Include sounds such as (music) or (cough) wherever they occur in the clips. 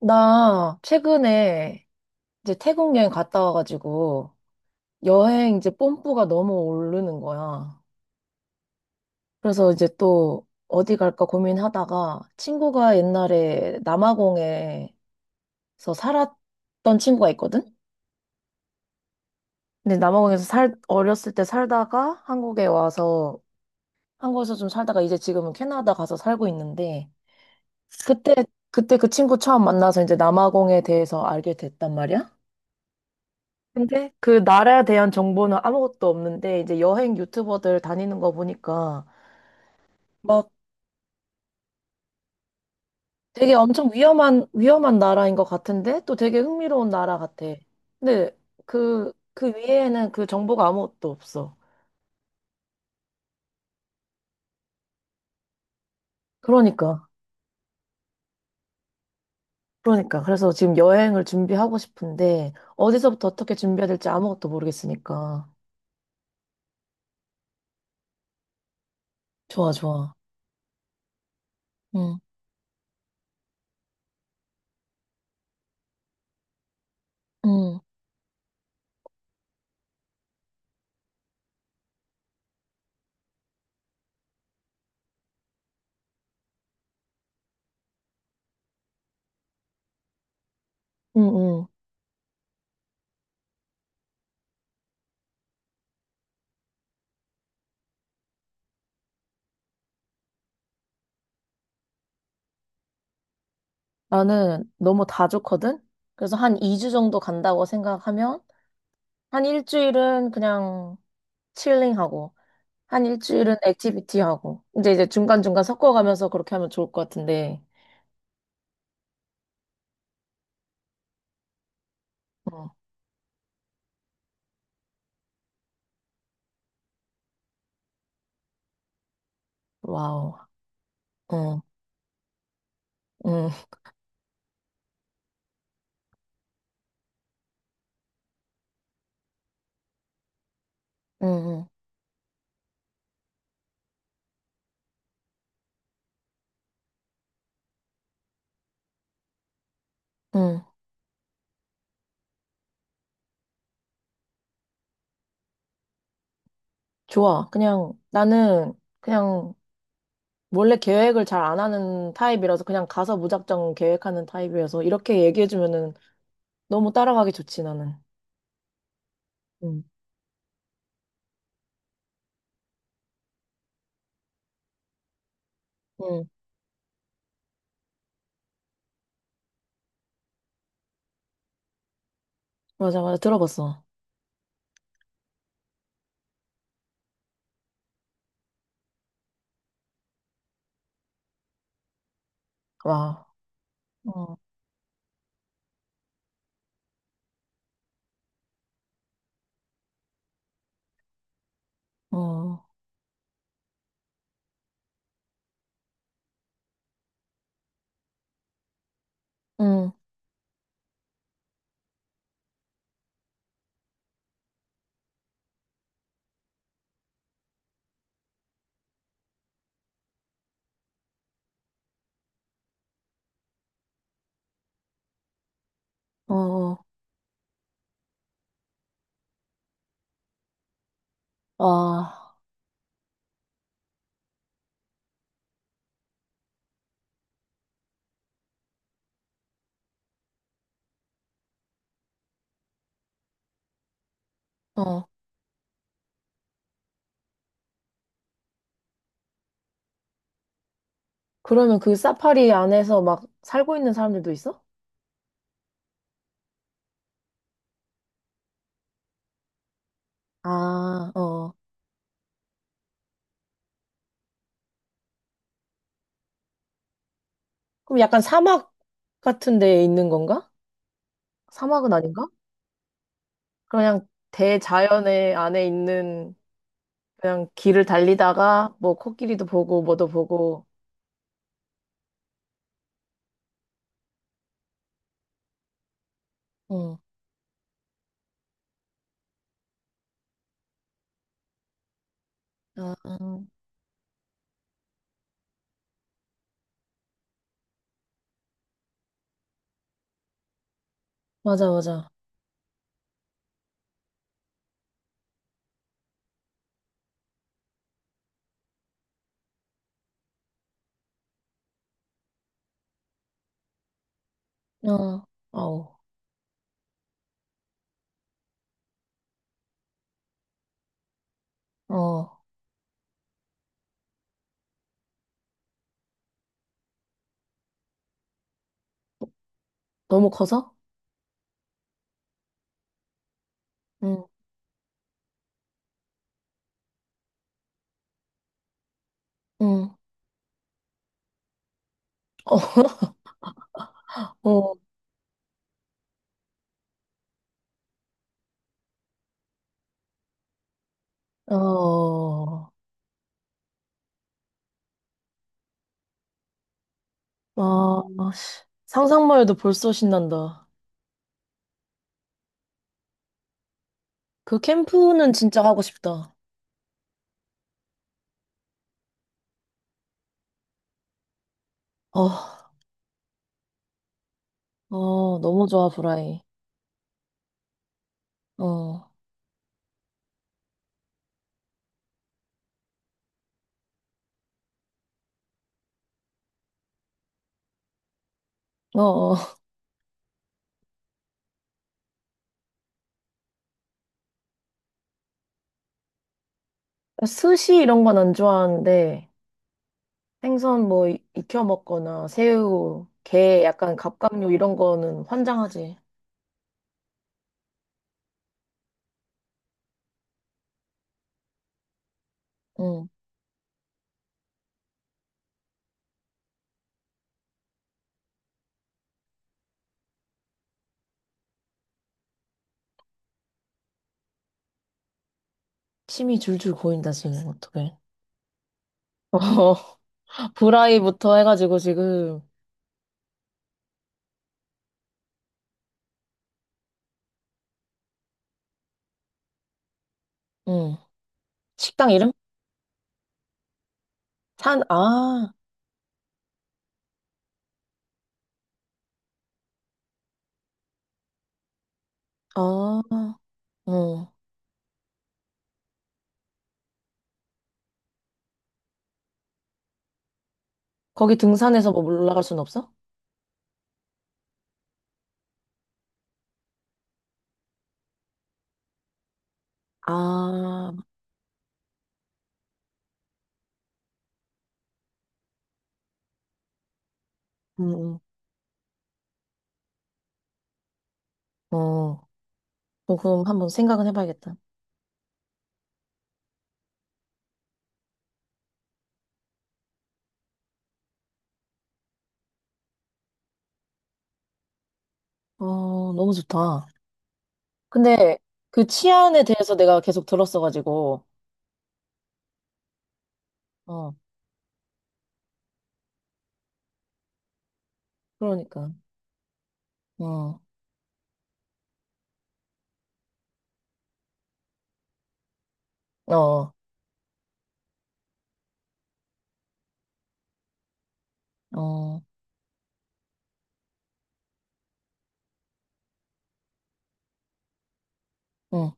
나 최근에 이제 태국 여행 갔다 와가지고 여행 이제 뽐뿌가 너무 오르는 거야. 그래서 이제 또 어디 갈까 고민하다가 친구가 옛날에 남아공에서 살았던 친구가 있거든? 근데 남아공에서 어렸을 때 살다가 한국에 와서 한국에서 좀 살다가 이제 지금은 캐나다 가서 살고 있는데 그때, 그때 그 친구 처음 만나서 이제 남아공에 대해서 알게 됐단 말이야. 근데 그 나라에 대한 정보는 아무것도 없는데 이제 여행 유튜버들 다니는 거 보니까 막 되게 엄청 위험한 나라인 것 같은데 또 되게 흥미로운 나라 같아. 근데 그 위에는 그 정보가 아무것도 없어. 그러니까 그러니까 그래서 지금 여행을 준비하고 싶은데 어디서부터 어떻게 준비해야 될지 아무것도 모르겠으니까. 좋아 좋아. 응. 응. 응. 응. 나는 너무 다 좋거든. 그래서 한 2주 정도 간다고 생각하면 한 일주일은 그냥 칠링하고, 한 일주일은 액티비티 하고, 이제 중간중간 섞어가면서 그렇게 하면 좋을 것 같은데, 어, 와우, 응, 응, 응, 응, 응. 좋아. 그냥 나는 그냥 원래 계획을 잘 안 하는 타입이라서 그냥 가서 무작정 계획하는 타입이어서 이렇게 얘기해주면은 너무 따라가기 좋지, 나는. 응, 응, 맞아, 맞아. 들어봤어. 와, 어, 어, 응, 어, 어, 와, 어. 그러면 그 사파리 안에서 막 살고 있는 사람들도 있어? 아, 어. 그럼 약간 사막 같은 데에 있는 건가? 사막은 아닌가? 그냥 대자연의 안에 있는 그냥 길을 달리다가 뭐 코끼리도 보고 뭐도 보고. 응. 아, 아. 맞아, 맞아. 어, 아우, 어. 너무 커서? 응, 응. 어, (laughs) 어, 어. 아, 씨. 상상만 해도 벌써 신난다. 그 캠프는 진짜 하고 싶다. 어, 어, 너무 좋아, 브라이. 어, 어, 어. (laughs) 스시 이런 건 안 좋아하는데, 생선 뭐 익혀 먹거나, 새우, 게, 약간 갑각류 이런 거는 환장하지. 응. 침이 줄줄 고인다, 지금, 어떡해. (laughs) 어, 브라이부터 해가지고 지금, 응. 식당 이름? 산, 아, 아, 응. 거기 등산해서 뭐 올라갈 순 없어? 아, 음, 어, 조금 한번 생각은 해봐야겠다. 어, 너무 좋다. 근데 그 치안에 대해서 내가 계속 들었어가지고, 어, 그러니까, 어, 어, 어, 응,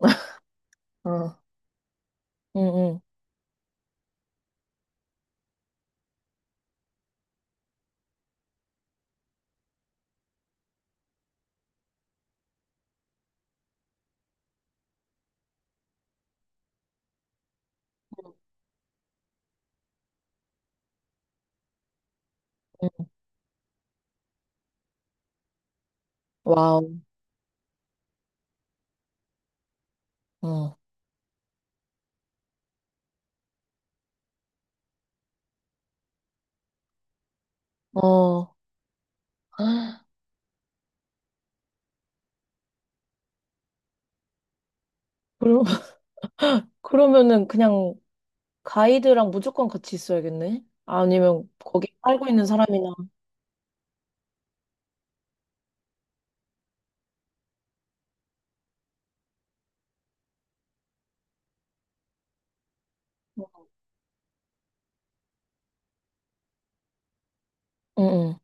(laughs) 어, 응, 응, 응. 와우, 어, 어. (gasps) 그러, (laughs) 그러면은 그냥 가이드랑 무조건 같이 있어야겠네? 아니면 거기 살고 있는 사람이나, 응, 응.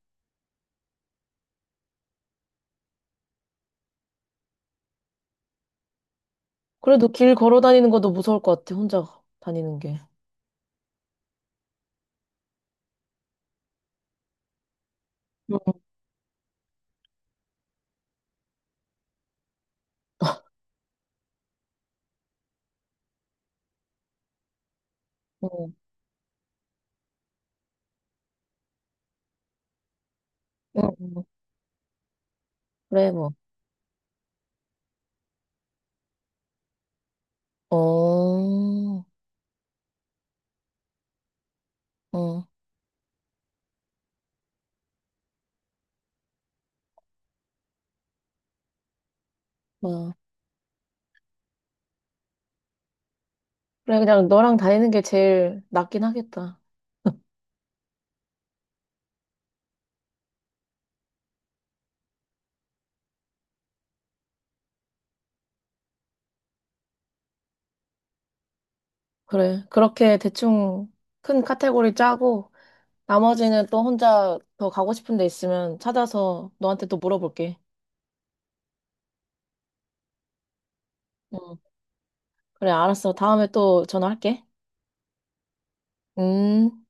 그래도 길 걸어 다니는 것도 무서울 것 같아, 혼자 다니는 게. 응, 응, 응. 응. 그래, 뭐. 어, 어, 와. 그래, 그냥 너랑 다니는 게 제일 낫긴 하겠다. 그래, 그렇게 대충 큰 카테고리 짜고, 나머지는 또 혼자 더 가고 싶은 데 있으면 찾아서 너한테 또 물어볼게. 응. 그래, 알았어. 다음에 또 전화할게. 음.